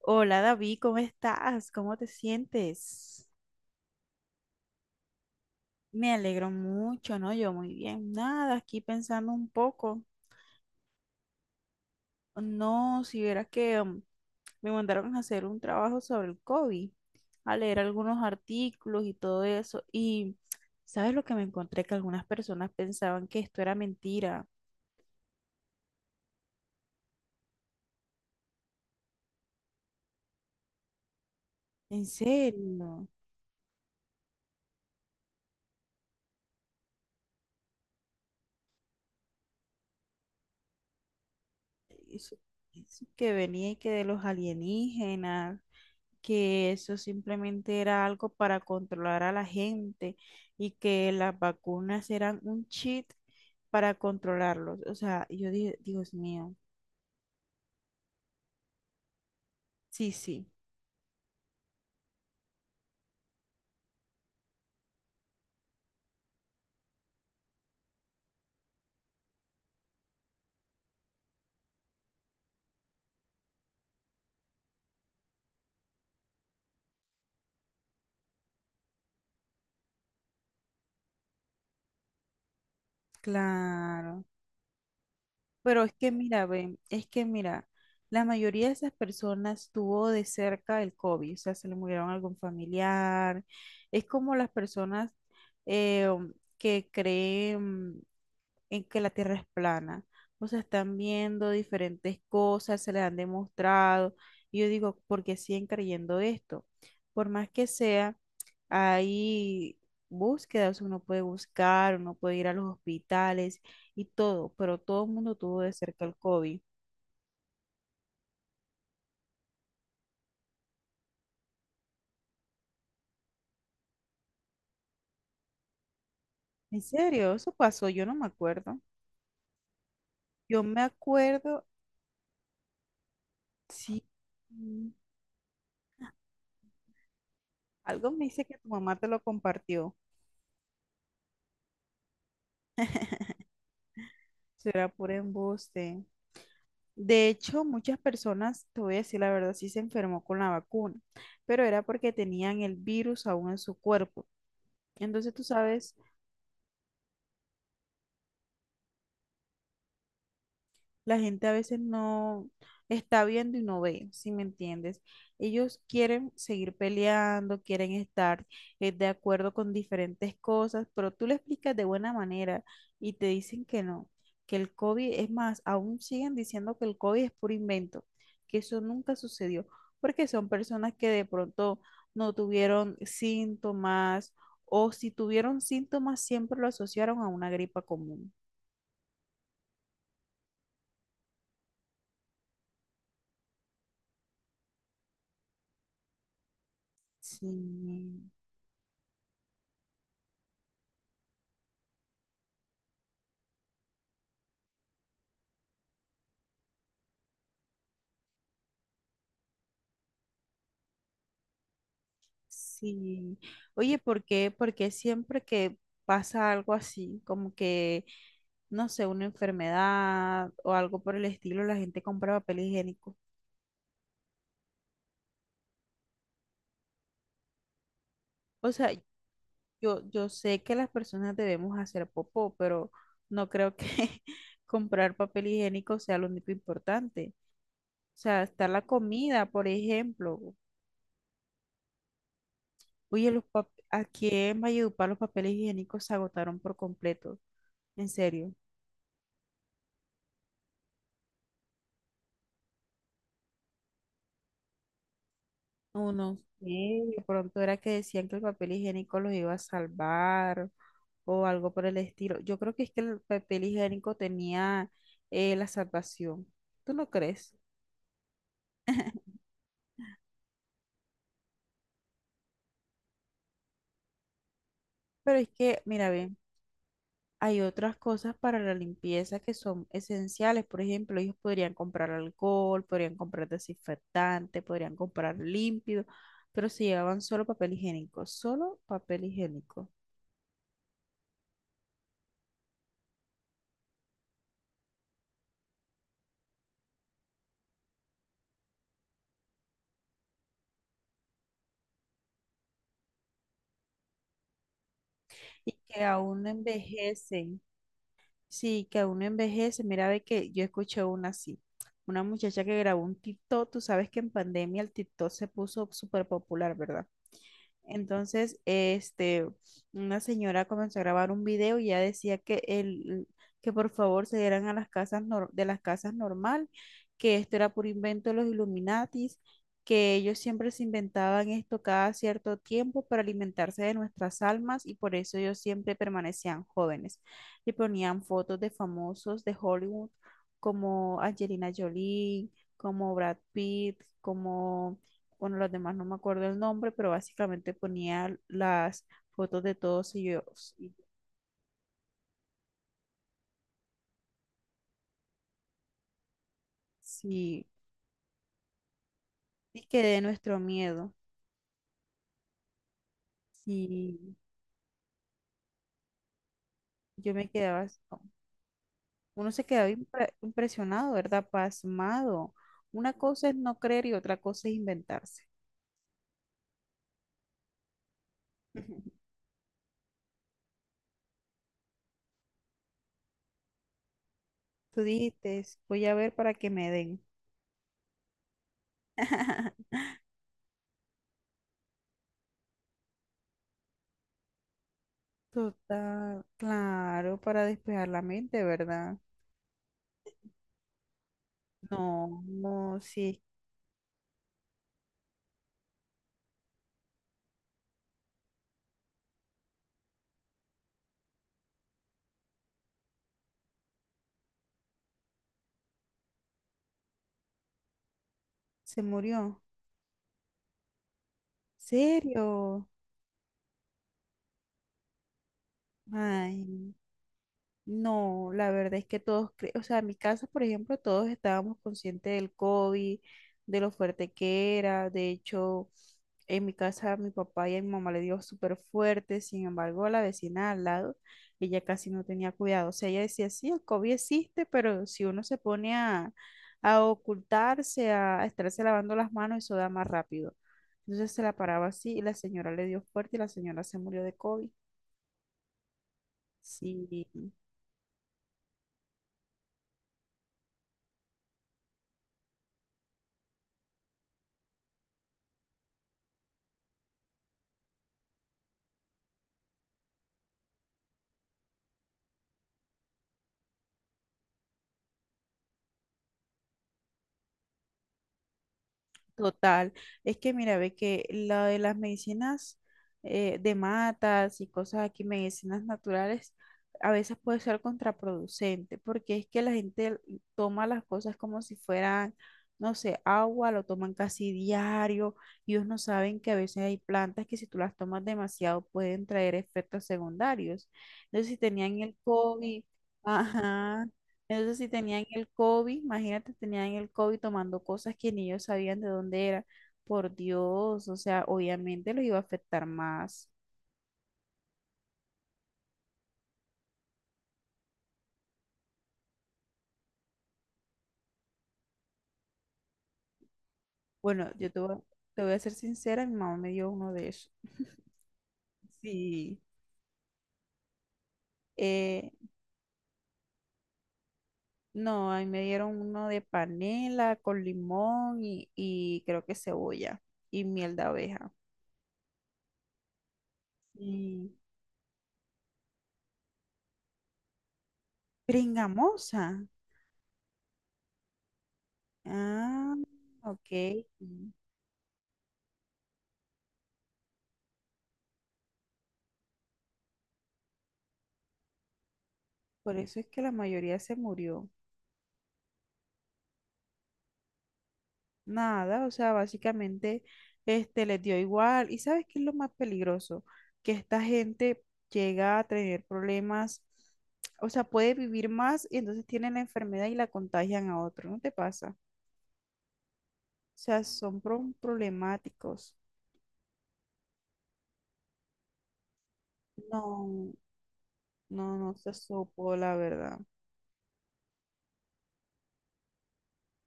Hola David, ¿cómo estás? ¿Cómo te sientes? Me alegro mucho, ¿no? Yo muy bien. Nada, aquí pensando un poco. No, si vieras que me mandaron a hacer un trabajo sobre el COVID, a leer algunos artículos y todo eso. Y, ¿sabes lo que me encontré? Que algunas personas pensaban que esto era mentira. ¿En serio? Eso, eso que venía y que de los alienígenas. Que eso simplemente era algo para controlar a la gente y que las vacunas eran un cheat para controlarlos. O sea, yo dije, Dios mío, sí, sí, claro. Pero es que mira, ven, es que mira, la mayoría de esas personas tuvo de cerca el COVID, o sea, se le murieron algún familiar. Es como las personas eh, que creen en que la Tierra es plana. O sea, están viendo diferentes cosas, se les han demostrado. Y yo digo, ¿por qué siguen creyendo esto? Por más que sea, hay búsquedas, uno puede buscar, uno puede ir a los hospitales y todo, pero todo el mundo tuvo de cerca el COVID. ¿En serio? Eso pasó, yo no me acuerdo. Yo me acuerdo, sí, mm, algo me dice que tu mamá te lo compartió. Será por embuste. De hecho, muchas personas, te voy a decir la verdad, sí se enfermó con la vacuna, pero era porque tenían el virus aún en su cuerpo. Entonces, tú sabes. La gente a veces no está viendo y no ve, si me entiendes. Ellos quieren seguir peleando, quieren estar de acuerdo con diferentes cosas, pero tú le explicas de buena manera y te dicen que no, que el COVID, es más, aún siguen diciendo que el COVID es puro invento, que eso nunca sucedió, porque son personas que de pronto no tuvieron síntomas o si tuvieron síntomas siempre lo asociaron a una gripa común. Sí. Sí. Oye, ¿por qué? Porque siempre que pasa algo así, como que, no sé, una enfermedad o algo por el estilo, la gente compra papel higiénico. O sea, yo sé que las personas debemos hacer popó, pero no creo que comprar papel higiénico sea lo único importante. O sea, está la comida, por ejemplo. Oye, los pap- aquí en Valledupar los papeles higiénicos se agotaron por completo. En serio. O no sé, de pronto era que decían que el papel higiénico los iba a salvar o algo por el estilo. Yo creo que es que el papel higiénico tenía la salvación. ¿Tú no crees? Pero es que, mira, bien, hay otras cosas para la limpieza que son esenciales. Por ejemplo, ellos podrían comprar alcohol, podrían comprar desinfectante, podrían comprar límpido, pero se llevaban solo papel higiénico, solo papel higiénico. Y que aún no envejecen. Sí, que uno envejece. Mira, ve que yo escuché una así. Una muchacha que grabó un TikTok, tú sabes que en pandemia el TikTok se puso súper popular, ¿verdad? Entonces, este, una señora comenzó a grabar un video y ya decía que el, que por favor se dieran a las casas nor- de las casas normal, que esto era por invento de los Illuminatis, que ellos siempre se inventaban esto cada cierto tiempo para alimentarse de nuestras almas y por eso ellos siempre permanecían jóvenes. Y ponían fotos de famosos de Hollywood como Angelina Jolie, como Brad Pitt, como bueno, las demás no me acuerdo el nombre, pero básicamente ponía las fotos de todos ellos. Y sí, sí quedé nuestro miedo. Sí, yo me quedaba, no, uno se quedaba impre- impresionado, ¿verdad? Pasmado. Una cosa es no creer y otra cosa es inventarse. Tú dijiste, voy a ver para que me den. Total, claro, para despejar la mente, ¿verdad? No, no, sí, se murió. ¿Serio? Ay, no, la verdad es que todos, cre- o sea, en mi casa, por ejemplo, todos estábamos conscientes del COVID, de lo fuerte que era. De hecho, en mi casa mi papá y a mi mamá le dio súper fuerte, sin embargo, a la vecina al lado, ella casi no tenía cuidado. O sea, ella decía, sí, el COVID existe, pero si uno se pone a ocultarse, a estarse lavando las manos, eso da más rápido. Entonces se la paraba así y la señora le dio fuerte y la señora se murió de COVID. Sí. Total, es que mira, ve que lo de las medicinas de matas y cosas aquí, medicinas naturales, a veces puede ser contraproducente, porque es que la gente toma las cosas como si fueran, no sé, agua, lo toman casi diario, y ellos no saben que a veces hay plantas que si tú las tomas demasiado pueden traer efectos secundarios. Entonces, si tenían el COVID, ajá, entonces, si tenían el COVID, imagínate, tenían el COVID tomando cosas que ni ellos sabían de dónde era. Por Dios, o sea, obviamente los iba a afectar más. Bueno, yo te voy a ser sincera, mi mamá me dio uno de esos. Sí. Eh, no, a mí me dieron uno de panela con limón y creo que cebolla y miel de abeja. Y pringamosa. Ah, ok. Por eso es que la mayoría se murió. Nada, o sea, básicamente este les dio igual. ¿Y sabes qué es lo más peligroso? Que esta gente llega a tener problemas, o sea, puede vivir más y entonces tienen la enfermedad y la contagian a otro, ¿no te pasa? O sea, son pro- problemáticos. No, no, no se supo, la verdad.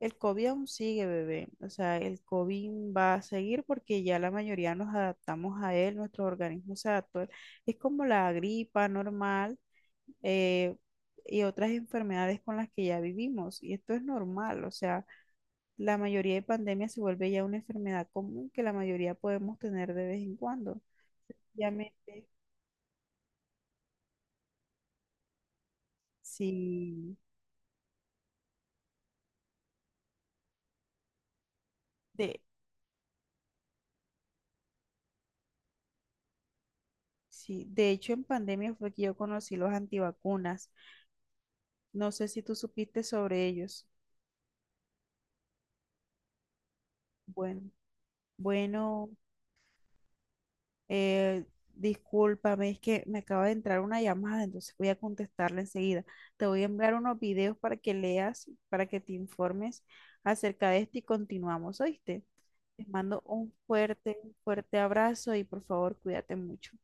El COVID aún sigue, bebé. O sea, el COVID va a seguir porque ya la mayoría nos adaptamos a él, nuestro organismo se adaptó a él. Es como la gripa normal eh, y otras enfermedades con las que ya vivimos. Y esto es normal, o sea, la mayoría de pandemias se vuelve ya una enfermedad común que la mayoría podemos tener de vez en cuando. Obviamente, sí, de, sí, de hecho en pandemia fue que yo conocí los antivacunas. No sé si tú supiste sobre ellos. Bueno, bueno. Eh, Discúlpame, es que me acaba de entrar una llamada, entonces voy a contestarla enseguida. Te voy a enviar unos videos para que leas, para que te informes acerca de esto y continuamos, ¿oíste? Te mando un fuerte abrazo y por favor, cuídate mucho.